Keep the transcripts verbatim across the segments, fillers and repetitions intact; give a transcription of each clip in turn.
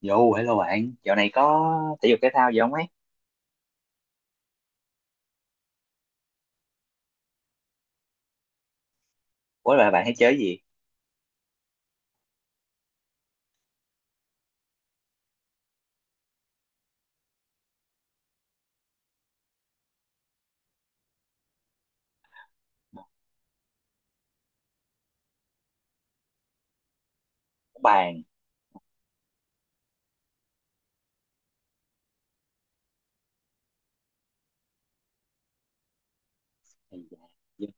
Yo, hello bạn, dạo này có thể dục thể thao gì không ấy? Ủa là bạn hay chơi cái gì? Bàn. Ây da, dân-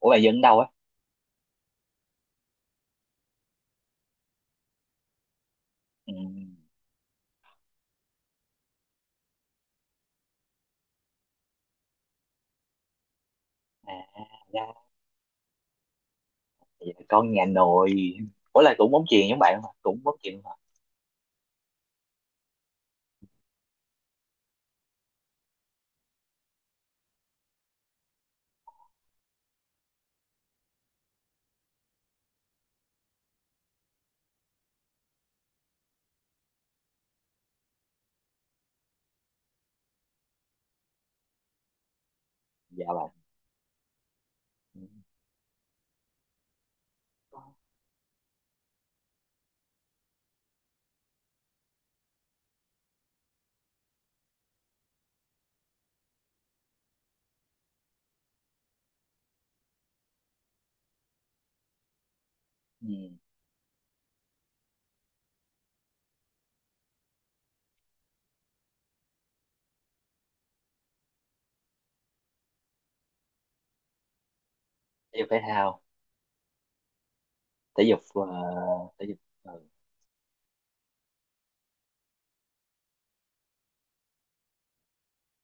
Ủa bạn dân đâu á? Ừ. À, ra, vậy là con nhà nội. Ủa là cũng bóng chuyền giống bạn không ạ? Cũng bóng chuyền không ạ? Dạ bạn. Ừ. Ừ. Thể dục thể thao, thể dục, ờ, thể dục. Ừ.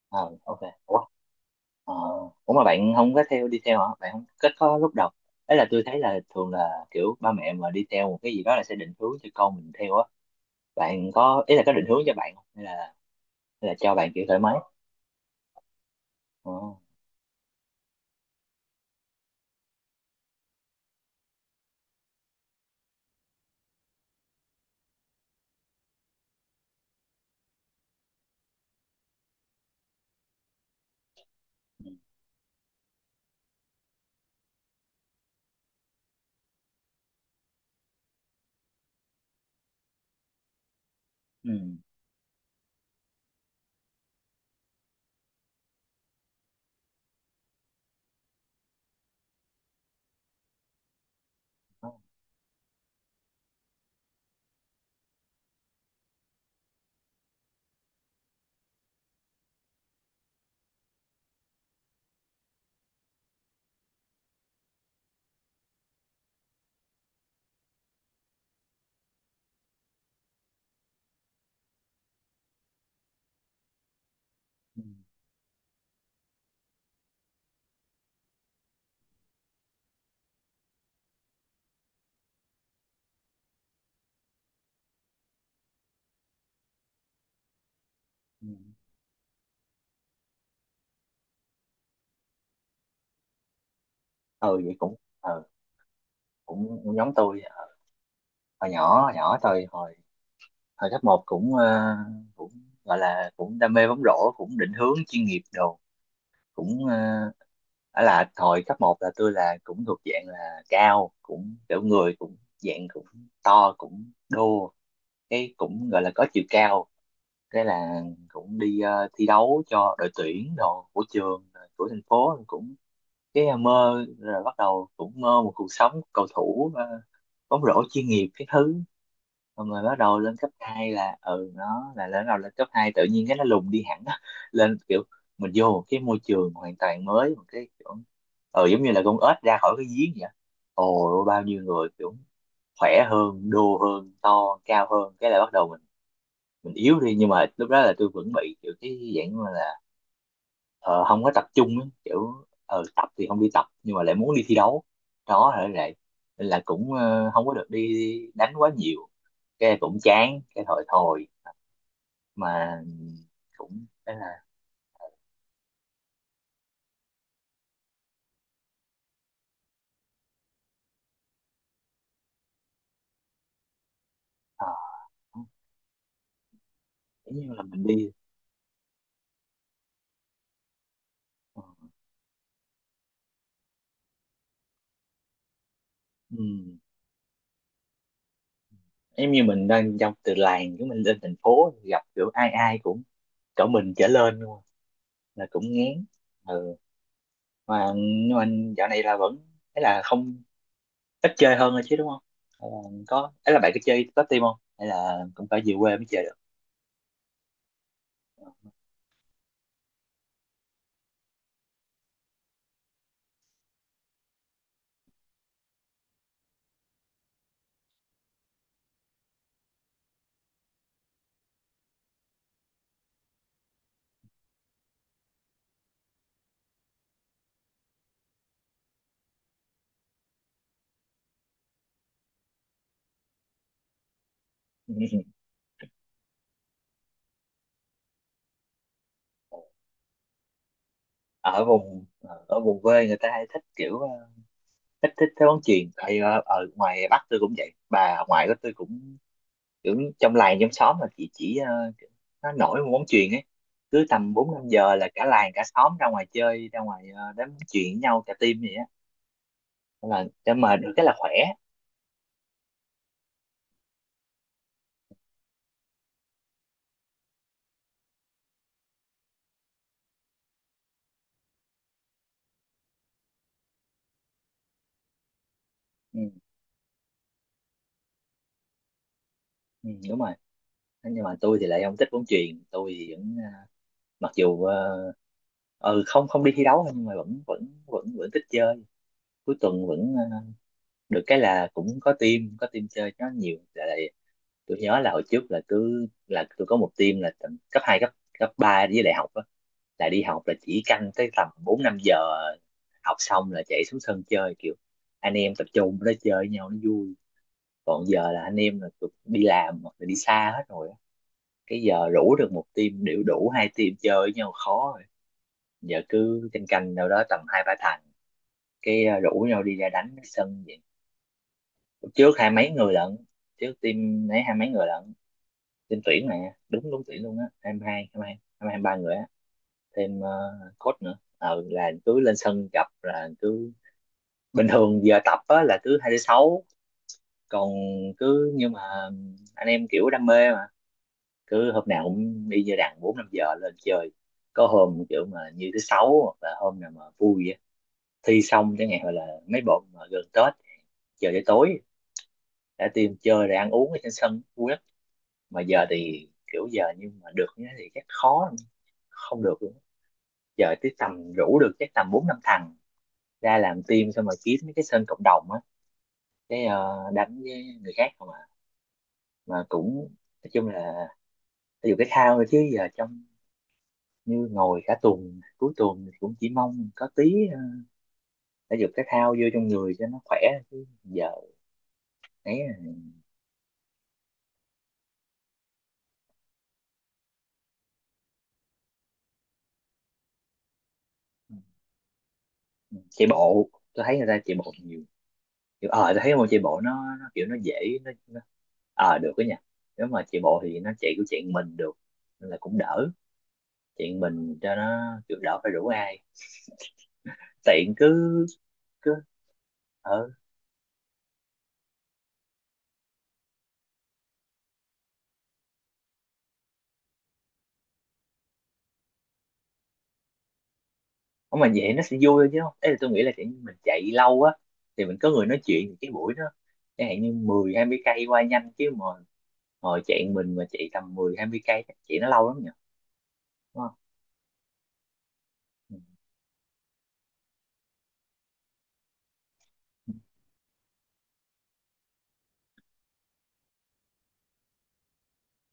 Ờ, ok. Ủa? Ờ. Ủa mà bạn không có theo đi theo hả? Bạn không kết có lúc đầu. Đấy là tôi thấy là thường là kiểu ba mẹ mà đi theo một cái gì đó là sẽ định hướng cho con mình theo á, bạn có ý là có định hướng cho bạn không hay hay là cho bạn kiểu thoải mái. Ờ, ừ. Ừ. Ừ. Ừ vậy cũng ừ, cũng, cũng giống tôi hồi nhỏ, hồi nhỏ tôi hồi hồi cấp một cũng ờ, cũng gọi là cũng đam mê bóng rổ, cũng định hướng chuyên nghiệp đồ, cũng ờ. Đó là hồi cấp một là tôi là cũng thuộc dạng là cao, cũng kiểu người cũng dạng cũng to cũng đô, cái cũng gọi là có chiều cao, cái là cũng đi ờ, thi đấu cho đội tuyển đồ của trường rồi của thành phố cũng, cái à, mơ rồi bắt đầu cũng mơ một cuộc sống cầu thủ à, bóng rổ chuyên nghiệp cái thứ, xong rồi bắt đầu lên cấp hai là ừ nó là lên đầu lên cấp hai tự nhiên cái nó lùng đi hẳn á. Lên kiểu mình vô một cái môi trường hoàn toàn mới, một cái kiểu ừ giống như là con ếch ra khỏi cái giếng vậy, ồ bao nhiêu người kiểu khỏe hơn, đô hơn, to cao hơn, cái là bắt đầu mình mình yếu đi, nhưng mà lúc đó là tôi vẫn bị kiểu cái dạng mà là ờ, không có tập trung á, kiểu ờ, tập thì không đi tập nhưng mà lại muốn đi thi đấu, đó là vậy. Nên là cũng ờ, không có được đi đánh quá nhiều, cái cũng chán cái thôi thôi, mà cũng cái là ờ, giống như là mình đi ờ, ừ, giống như mình đang trong từ làng của mình lên thành phố gặp kiểu ai ai cũng cỡ mình trở lên luôn, là cũng ngán. Ừ. Mà nhưng mà dạo này là vẫn, thế là không ít chơi hơn rồi chứ, đúng không? Hay là có ấy là bạn có chơi top team không hay là cũng phải về quê mới chơi được? Ở vùng, ở vùng quê người ta hay thích kiểu ờ, thích thích theo bóng chuyền, tại ở, ở ngoài Bắc tôi cũng vậy, bà ngoại của tôi cũng kiểu trong làng trong xóm là chị chỉ ờ, kiểu nó nổi một bóng chuyền ấy, cứ tầm bốn năm giờ là cả làng cả xóm ra ngoài chơi, ra ngoài ờ, đánh bóng chuyền với nhau cả team vậy á. Nên là để mà được cái là khỏe. Ừ, ừ, đúng rồi. Nhưng mà tôi thì lại không thích bóng chuyền, tôi thì vẫn, mặc dù ờ, ừ không không đi thi đấu thôi nhưng mà vẫn vẫn vẫn vẫn thích chơi, cuối tuần vẫn ờ, được cái là cũng có team, có team chơi nó nhiều lại. Tôi nhớ là hồi trước là cứ là tôi có một team là tầm cấp hai, cấp cấp ba với đại học á, là đi học là chỉ canh tới tầm bốn năm giờ học xong là chạy xuống sân chơi kiểu anh em tập trung đó chơi với nhau nó vui. Còn giờ là anh em là tụi- đi làm hoặc là đi xa hết rồi á. Cái giờ rủ được một team đều đủ hai team chơi với nhau khó, giờ cứ canh canh đâu đó tầm hai ba thằng, cái ờ, rủ nhau đi ra đánh cái sân vậy. Trước hai mấy người lận, trước team ấy hai mấy người lận, team tuyển mà, đúng đúng tuyển luôn á, hai mươi hai hai mươi hai hai mươi ba người á, thêm ờ, coach nữa, ờ là cứ lên sân gặp là cứ bình thường giờ tập á là cứ hai tới sáu, còn cứ nhưng mà anh em kiểu đam mê mà cứ hôm nào cũng đi, giờ đàn bốn năm giờ lên chơi, có hôm kiểu mà như thứ sáu hoặc là hôm nào mà vui á, thi xong chẳng hạn hoặc là mấy bọn mà gần Tết giờ tới tối đã tìm chơi rồi ăn uống ở trên sân vui lắm. Mà giờ thì kiểu giờ nhưng mà được như thế thì chắc khó lắm. Không được luôn, giờ tới tầm rủ được chắc tầm bốn năm thằng ra làm team, xong rồi kiếm mấy cái sân cộng đồng á, cái ờ, đánh với người khác không à, mà cũng, nói chung là ví dụ cái khao thôi chứ giờ trong như ngồi cả tuần, cuối tuần thì cũng chỉ mong có tí ờ, thể dục thể thao vô trong người cho nó khỏe chứ giờ, ấy à. Chạy bộ, tôi thấy người ta chạy bộ nhiều, kiểu ờ tôi thấy môn chạy bộ nó, nó kiểu nó dễ, nó, nó ờ được đó nha, nếu mà chạy bộ thì nó chạy kiểu chạy mình được, nên là cũng đỡ, chạy mình cho nó kiểu đỡ phải rủ ai, tiện cứ cứ ờ. Không mà vậy nó sẽ vui thôi chứ không, thế là tôi nghĩ là kiểu như mình chạy lâu á thì mình có người nói chuyện thì cái buổi nó, chẳng hạn như mười hai mươi cây qua nhanh chứ mà ngồi chạy mình mà chạy tầm mười hai mươi cây chắc chạy nó lâu lắm nhỉ, đúng không? Ừ.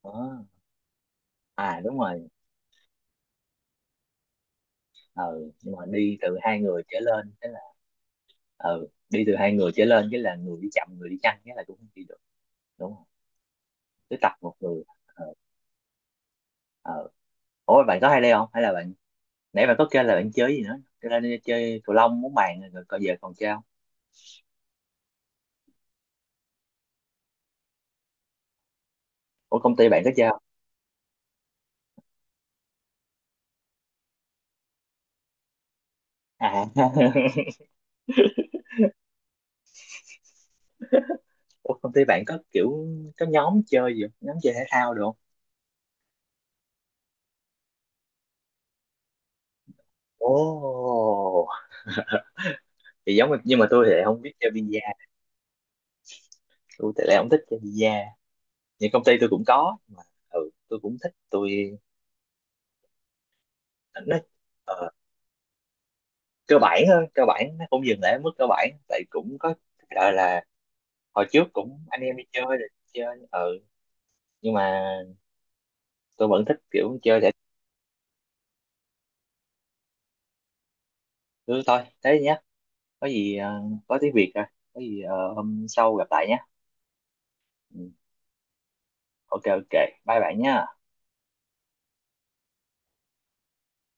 Đó, à đúng rồi. Ừ nhưng mà đi từ hai người trở lên thế là ừ đi từ hai người trở lên chứ là người đi chậm người đi nhanh cái là cũng không đi được, đúng không? Cứ tập một người ờ, ờ. Ủa bạn có hay đây không hay là bạn, nãy bạn có kêu là bạn chơi gì nữa cho nên chơi cầu lông bóng bàn rồi, còn giờ còn chơi không? Ủa công ty bạn có chơi không? À ủa công ty bạn có kiểu có nhóm chơi gì không, nhóm chơi thể thao được không? Ồ, thì giống, nhưng mà tôi thì lại không biết chơi bida, tôi thì lại không thích chơi bida, nhưng công ty tôi cũng có mà. Ừ, tôi cũng thích, tôi, nó ờ, cơ bản thôi, cơ bản nó cũng dừng lại ở mức cơ bản tại cũng có, gọi là hồi trước cũng anh em đi chơi rồi chơi, ừ nhưng mà tôi vẫn thích kiểu chơi giải. Ừ, thôi thế nhé, có gì ờ, có tiếng Việt rồi, có gì ờ, hôm sau gặp lại nhé. Ừ. Ok ok, bye bạn nhé.